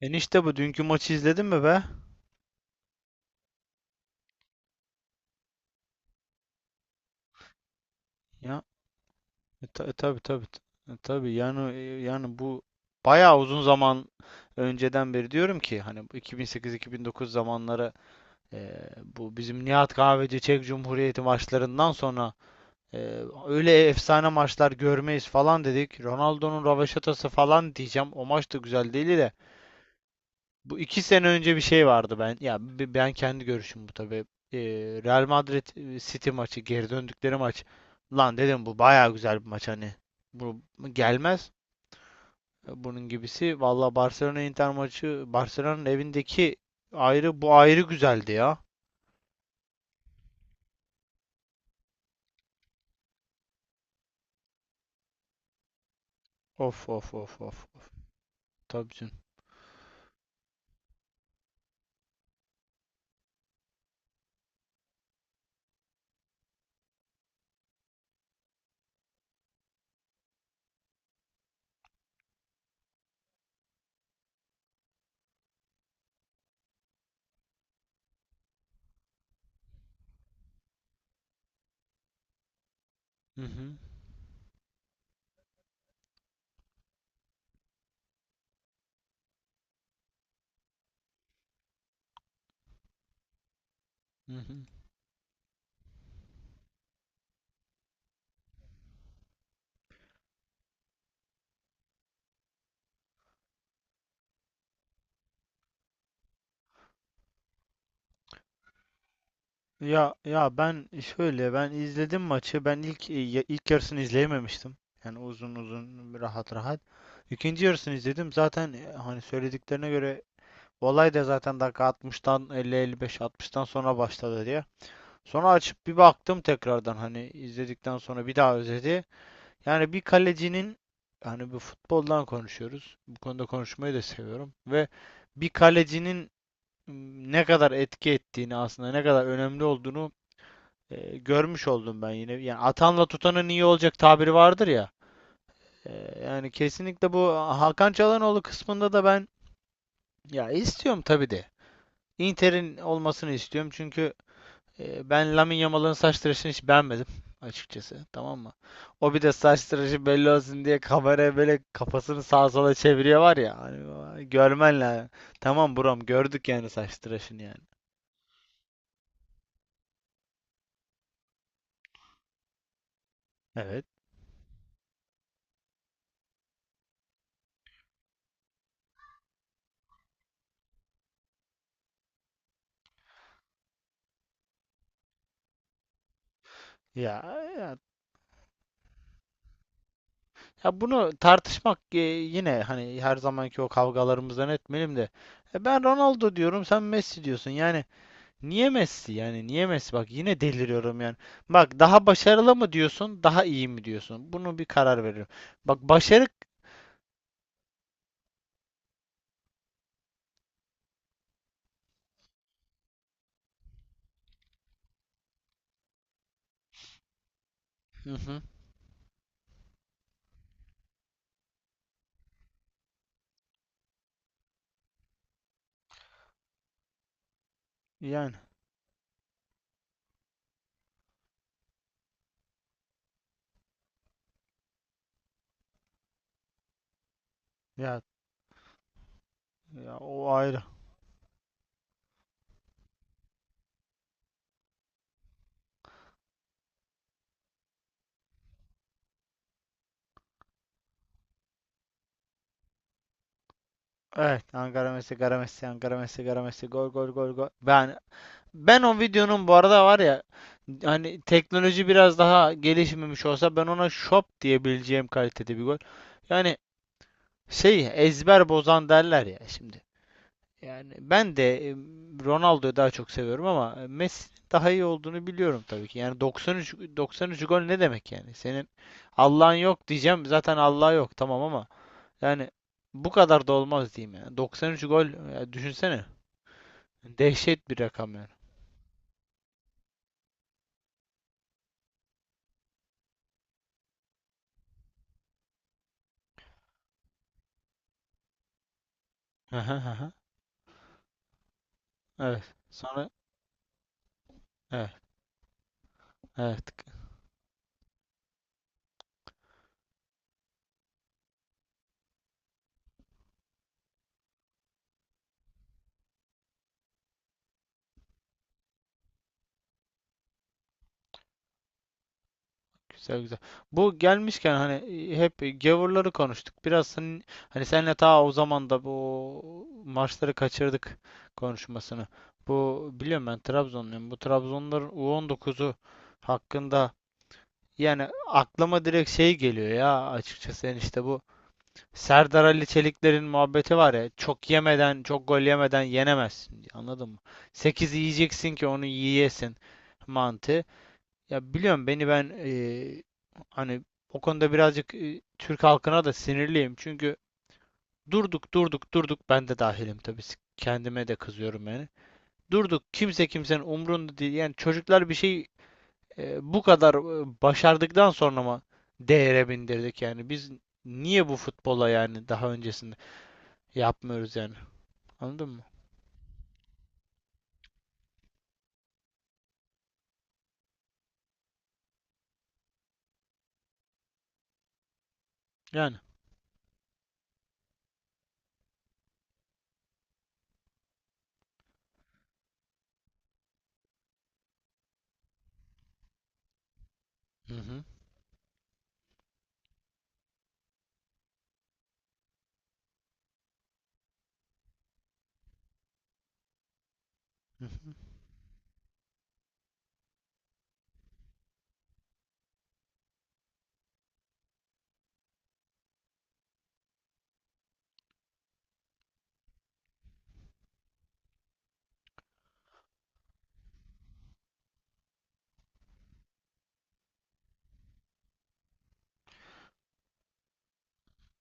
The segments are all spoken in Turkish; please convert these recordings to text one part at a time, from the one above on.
Enişte bu dünkü maçı izledin mi be? Ya e, ta- e, tabii tabii t- e, tabii yani e, yani bu bayağı uzun zaman önceden beri diyorum ki hani bu 2008-2009 zamanları, e, bu bizim Nihat Kahveci Çek Cumhuriyeti maçlarından sonra e, öyle efsane maçlar görmeyiz falan dedik. Ronaldo'nun rövaşatası falan diyeceğim. O maç da güzel değil de bu iki sene önce bir şey vardı ben. Ya ben kendi görüşüm bu tabii. Ee, Real Madrid City maçı, geri döndükleri maç. Lan dedim bu baya güzel bir maç hani. Bu gelmez bunun gibisi. Valla Barcelona Inter maçı, Barcelona'nın evindeki ayrı, bu ayrı güzeldi ya. Of of of of. Tabii canım. Hı hı. Hı hı. Ya ben şöyle, ben izledim maçı. Ben ilk ilk yarısını izleyememiştim. Yani uzun uzun, rahat rahat. İkinci yarısını izledim. Zaten hani söylediklerine göre olay da zaten dakika 60'tan, 50-55 60'tan sonra başladı diye. Sonra açıp bir baktım tekrardan, hani izledikten sonra bir daha özeti. Yani bir kalecinin, hani bu futboldan konuşuyoruz, bu konuda konuşmayı da seviyorum ve bir kalecinin ne kadar etki ettiğini, aslında ne kadar önemli olduğunu görmüş oldum ben yine. Yani atanla tutanın iyi olacak tabiri vardır ya. Yani kesinlikle bu Hakan Çalhanoğlu kısmında da ben, ya istiyorum tabii de. Inter'in olmasını istiyorum çünkü ben Lamine Yamal'ın saç tıraşını hiç beğenmedim açıkçası. Tamam mı? O bir de saç tıraşı belli olsun diye kameraya böyle kafasını sağa sola çeviriyor var ya. Hani görmen lazım. Tamam buram gördük yani, saç tıraşını yani. Evet. Ya, ya Ya bunu tartışmak, yine hani her zamanki o kavgalarımızdan etmeyelim de ben Ronaldo diyorum, sen Messi diyorsun. Yani niye Messi? Yani niye Messi? Bak yine deliriyorum yani. Bak daha başarılı mı diyorsun, daha iyi mi diyorsun? Bunu bir karar veriyorum. Bak başarı. Hı hı. Yani, ya, ya o ayrı. Evet, Ankara Messi, Ankara Messi, Ankara Messi, Ankara Messi, gol gol gol gol. Ben, ben o videonun bu arada var ya, hani teknoloji biraz daha gelişmemiş olsa ben ona şop diyebileceğim kalitede bir gol. Yani şey, ezber bozan derler ya şimdi. Yani ben de Ronaldo'yu daha çok seviyorum ama Messi'nin daha iyi olduğunu biliyorum tabii ki. Yani 93 gol ne demek yani? Senin Allah'ın yok diyeceğim. Zaten Allah yok, tamam ama yani bu kadar da olmaz diyeyim yani. 93 gol, ya düşünsene. Dehşet bir rakam yani. Aha, aha. Evet. Sonra. Evet, evet. Güzel güzel. Bu gelmişken hani hep gavurları konuştuk. Biraz senin, hani senle ta o zaman da bu maçları kaçırdık, konuşmasını. Bu biliyorum ben Trabzonluyum. Bu Trabzonların U19'u hakkında yani aklıma direkt şey geliyor ya, açıkçası yani, işte bu Serdar Ali Çelikler'in muhabbeti var ya, çok yemeden, çok gol yemeden yenemezsin diye, anladın mı? 8 yiyeceksin ki onu yiyesin mantığı. Ya biliyorum beni ben hani o konuda birazcık Türk halkına da sinirliyim. Çünkü durduk, ben de dahilim tabii, kendime de kızıyorum yani. Durduk, kimse kimsenin umrunda değil. Yani çocuklar bir şey bu kadar başardıktan sonra mı değere bindirdik yani. Biz niye bu futbola yani daha öncesinde yapmıyoruz yani. Anladın mı? Yani. Hı hı. Hı hı.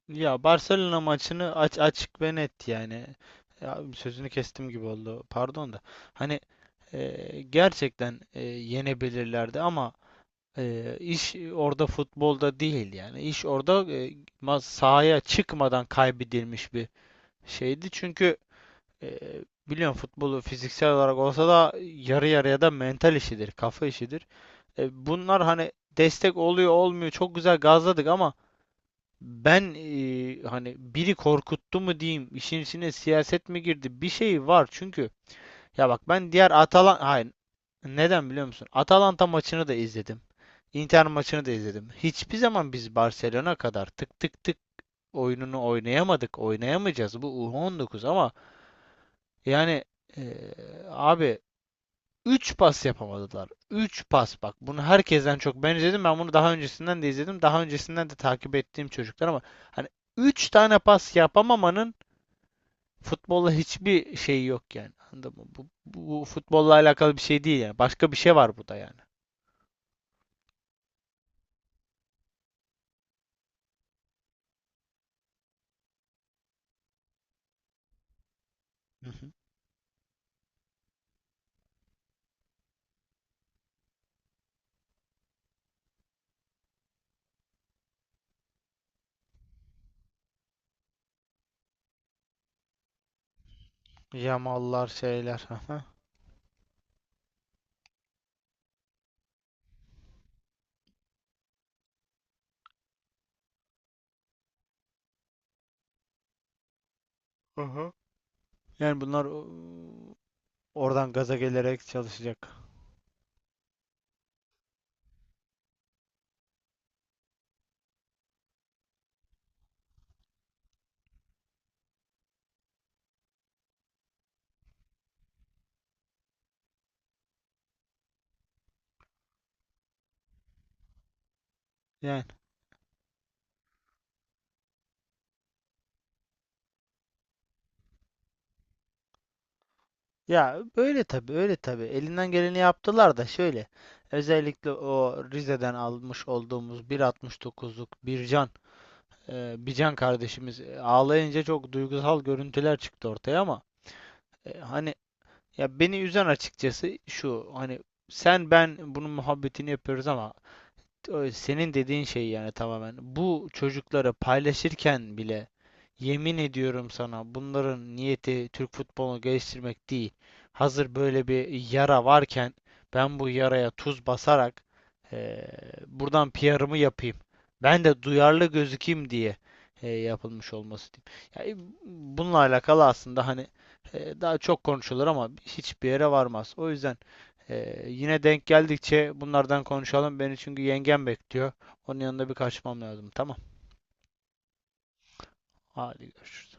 Ya Barcelona maçını aç, açık ve net yani. Ya sözünü kestim gibi oldu, pardon da. Hani gerçekten yenebilirlerdi ama iş orada futbolda değil yani. İş orada sahaya çıkmadan kaybedilmiş bir şeydi. Çünkü e, biliyorsun futbolu, fiziksel olarak olsa da yarı yarıya da mental işidir, kafa işidir. Bunlar hani destek oluyor olmuyor, çok güzel gazladık ama ben hani biri korkuttu mu diyeyim, işin içine siyaset mi girdi? Bir şey var çünkü. Ya bak ben diğer Atalan hayır. Neden biliyor musun? Atalanta maçını da izledim. Inter maçını da izledim. Hiçbir zaman biz Barcelona kadar tık tık tık oyununu oynayamadık. Oynayamayacağız. Bu U19 ama yani eee, abi üç pas yapamadılar. 3 pas, bak. Bunu herkesten çok ben izledim. Ben bunu daha öncesinden de izledim. Daha öncesinden de takip ettiğim çocuklar ama hani üç tane pas yapamamanın futbolla hiçbir şeyi yok yani. Anladın mı? Bu futbolla alakalı bir şey değil yani. Başka bir şey var burada yani. Hı hı. Yamallar, şeyler. Aha. Aha. Yani bunlar oradan gaza gelerek çalışacak. Yani, ya öyle tabii, öyle tabii. Elinden geleni yaptılar da şöyle. Özellikle o Rize'den almış olduğumuz 1.69'luk Bircan, Bircan kardeşimiz ağlayınca çok duygusal görüntüler çıktı ortaya ama hani ya beni üzen açıkçası şu, hani sen ben bunun muhabbetini yapıyoruz ama senin dediğin şey yani, tamamen. Bu çocuklara paylaşırken bile yemin ediyorum sana, bunların niyeti Türk futbolunu geliştirmek değil. Hazır böyle bir yara varken ben bu yaraya tuz basarak eee, buradan PR'ımı yapayım, ben de duyarlı gözükeyim diye yapılmış olması diyeyim. Yani bununla alakalı aslında hani daha çok konuşulur ama hiçbir yere varmaz. O yüzden yine denk geldikçe bunlardan konuşalım. Beni çünkü yengem bekliyor. Onun yanında bir kaçmam lazım. Tamam. Hadi görüşürüz.